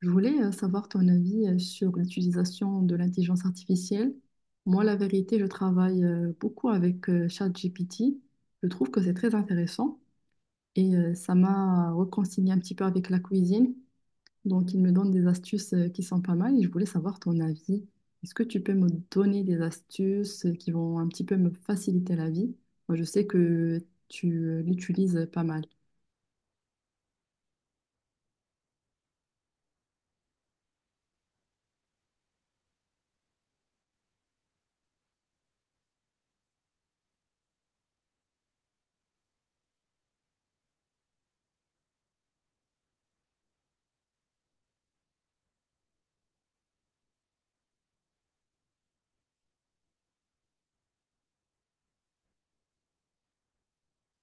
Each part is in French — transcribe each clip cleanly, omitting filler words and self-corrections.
Je voulais savoir ton avis sur l'utilisation de l'intelligence artificielle. Moi, la vérité, je travaille beaucoup avec ChatGPT. Je trouve que c'est très intéressant et ça m'a réconcilié un petit peu avec la cuisine. Donc, il me donne des astuces qui sont pas mal et je voulais savoir ton avis. Est-ce que tu peux me donner des astuces qui vont un petit peu me faciliter la vie? Moi, je sais que tu l'utilises pas mal.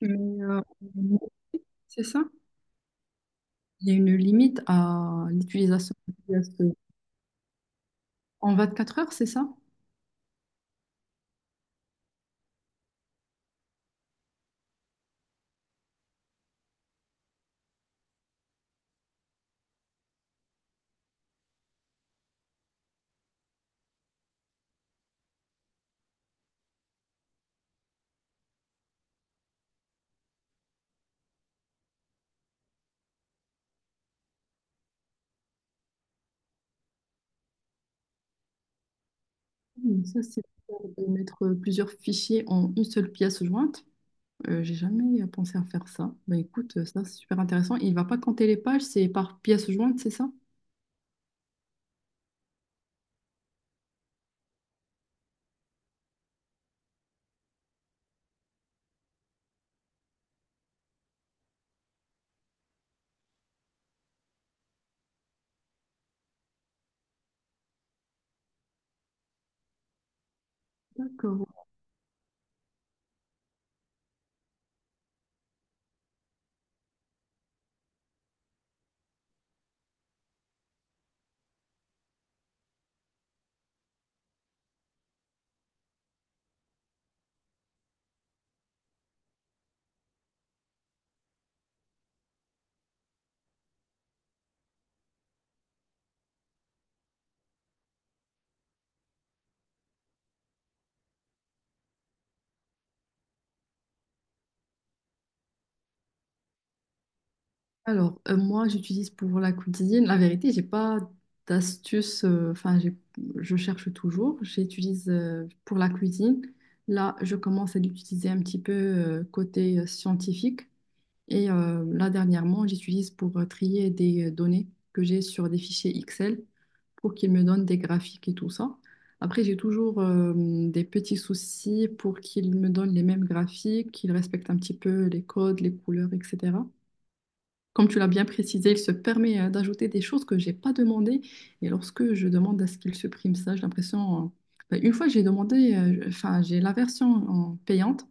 Mais, c'est ça? Il y a une limite à l'utilisation de ce- en 24 heures, c'est ça? Hmm, Ça, c'est de mettre plusieurs fichiers en une seule pièce jointe. J'ai jamais pensé à faire ça. Bah écoute, ça c'est super intéressant. Il va pas compter les pages, c'est par pièce jointe, c'est ça? D'accord. Alors, moi, j'utilise pour la cuisine. La vérité, j'ai pas d'astuce. Enfin, je cherche toujours. J'utilise pour la cuisine. Là, je commence à l'utiliser un petit peu côté scientifique. Et là, dernièrement, j'utilise pour trier des données que j'ai sur des fichiers Excel pour qu'ils me donnent des graphiques et tout ça. Après, j'ai toujours des petits soucis pour qu'ils me donnent les mêmes graphiques, qu'ils respectent un petit peu les codes, les couleurs, etc. Comme tu l'as bien précisé, il se permet d'ajouter des choses que j'ai pas demandées. Et lorsque je demande à ce qu'il supprime ça, j'ai l'impression... ben, une fois, j'ai demandé, enfin, j'ai la version en payante.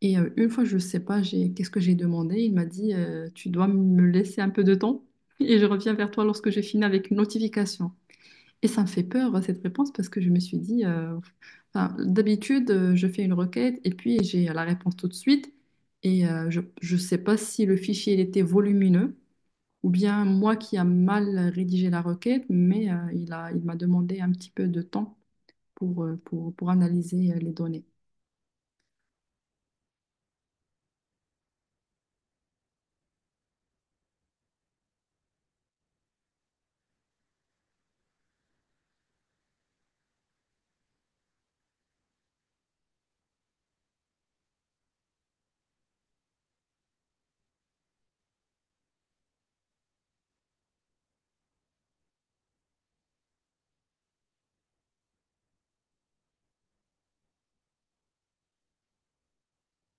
Et une fois, je sais pas, j'ai qu'est-ce que j'ai demandé. Il m'a dit, tu dois me laisser un peu de temps et je reviens vers toi lorsque j'ai fini avec une notification. Et ça me fait peur, cette réponse, parce que je me suis dit, enfin, d'habitude, je fais une requête et puis j'ai la réponse tout de suite. Et je ne sais pas si le fichier il était volumineux ou bien moi qui a mal rédigé la requête, mais il m'a demandé un petit peu de temps pour, pour analyser les données.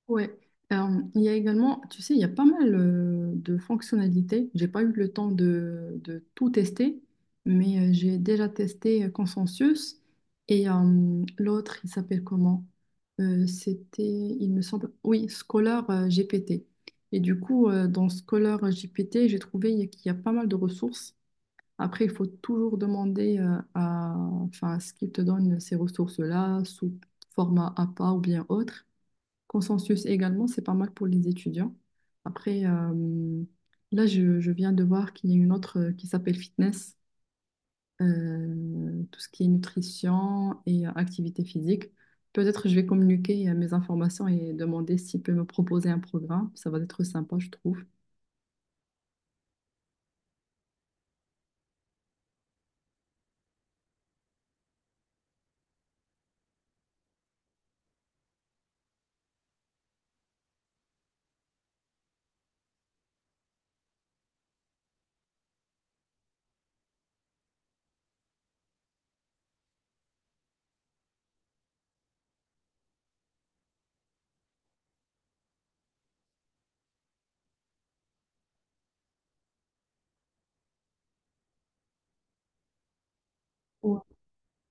Ouais. Euh, il y a également, tu sais, il y a pas mal de fonctionnalités. J'ai pas eu le temps de tout tester, mais j'ai déjà testé Consensus et l'autre, il s'appelle comment? C'était, il me semble, oui, Scholar GPT. Et du coup, dans Scholar GPT, j'ai trouvé qu'il y a pas mal de ressources. Après, il faut toujours demander enfin, à ce qu'il te donne ces ressources-là sous format APA ou bien autre. Consensus également, c'est pas mal pour les étudiants. Après, là, je viens de voir qu'il y a une autre qui s'appelle fitness, tout ce qui est nutrition et activité physique. Peut-être je vais communiquer mes informations et demander s'il peut me proposer un programme. Ça va être sympa, je trouve.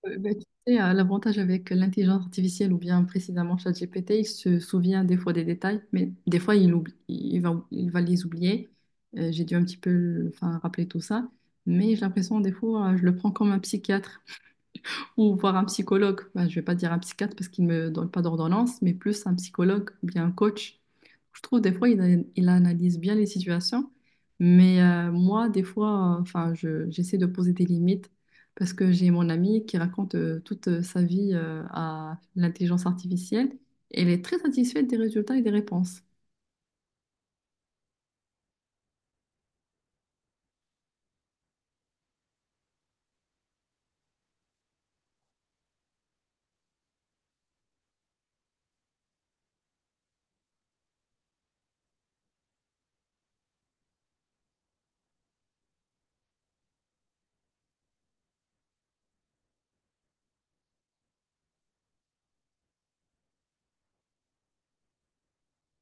Bah, tu sais, l'avantage avec l'intelligence artificielle ou bien précisément ChatGPT, il se souvient des fois des détails, mais des fois il oublie, il va les oublier. J'ai dû un petit peu enfin, rappeler tout ça, mais j'ai l'impression des fois je le prends comme un psychiatre. Ou voir un psychologue. Ben, je vais pas dire un psychiatre parce qu'il me donne pas d'ordonnance, mais plus un psychologue ou bien un coach. Je trouve des fois, il analyse bien les situations. Mais moi, des fois, enfin, j'essaie de poser des limites parce que j'ai mon amie qui raconte toute sa vie à l'intelligence artificielle et elle est très satisfaite des résultats et des réponses.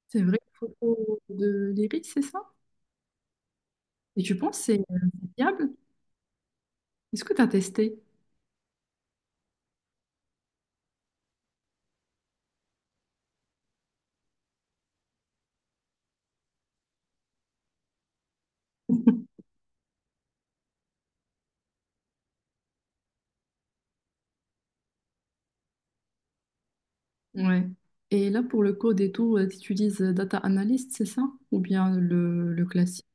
C'est vrai, photo de l'iris, c'est ça? Et tu penses que c'est fiable? Est-ce que tu as testé? Ouais. Et là, pour le code et tout, tu utilises Data Analyst, c'est ça? Ou bien le classique?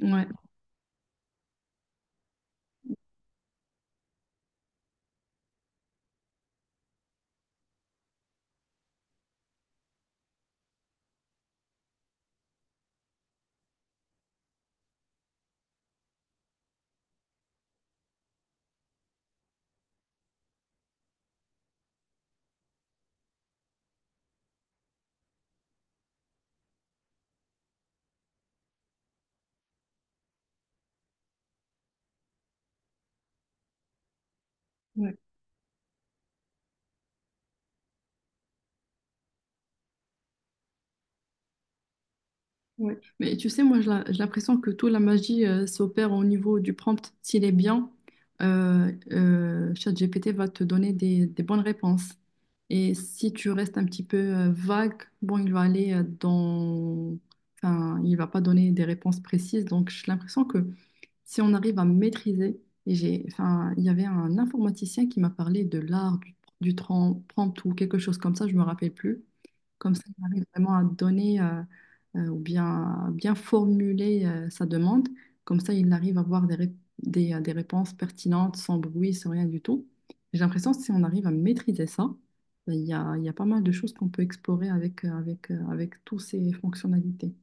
Ouais, ouais, ouais. Mais tu sais, moi, j'ai l'impression que toute la magie s'opère au niveau du prompt. S'il est bien, ChatGPT va te donner des bonnes réponses. Et si tu restes un petit peu vague, bon, il va aller dans... Enfin, il va pas donner des réponses précises. Donc, j'ai l'impression que si on arrive à maîtriser, et enfin, il y avait un informaticien qui m'a parlé de l'art du, prompt ou quelque chose comme ça, je me rappelle plus. Comme ça, on arrive vraiment à donner ou bien, à bien formuler sa demande. Comme ça, il arrive à avoir des réponses pertinentes, sans bruit, sans rien du tout. J'ai l'impression que si on arrive à maîtriser ça, ben, il y a pas mal de choses qu'on peut explorer avec, avec toutes ces fonctionnalités.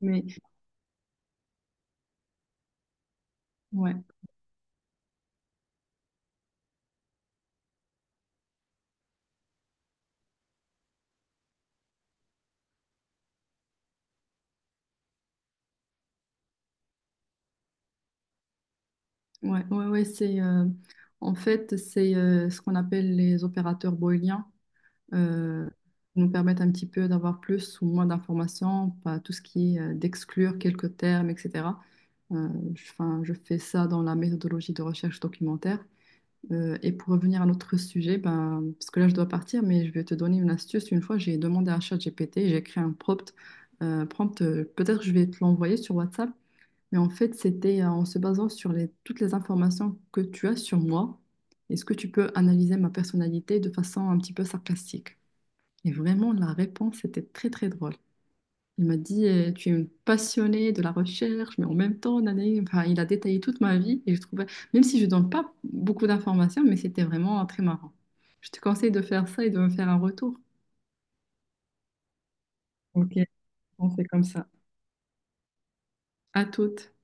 Mais ouais. Ouais, ouais, ouais, c'est en fait c'est ce qu'on appelle les opérateurs booléens euh, qui nous permettent un petit peu d'avoir plus ou moins d'informations, pas tout ce qui est d'exclure quelques termes, etc. Euh, je, 'fin, je fais ça dans la méthodologie de recherche documentaire. Et pour revenir à notre sujet, ben, parce que là je dois partir, mais je vais te donner une astuce. Une fois, j'ai demandé à ChatGPT, j'ai créé un prompt, peut-être je vais te l'envoyer sur WhatsApp. Mais en fait, c'était en se basant sur toutes les informations que tu as sur moi, est-ce que tu peux analyser ma personnalité de façon un petit peu sarcastique? Et vraiment, la réponse était très très drôle. Il m'a dit, tu es une passionnée de la recherche, mais en même temps, nanani. Enfin, il a détaillé toute ma vie et je trouvais, même si je donne pas beaucoup d'informations, mais c'était vraiment très marrant. Je te conseille de faire ça et de me faire un retour. Ok, on fait comme ça. À toutes.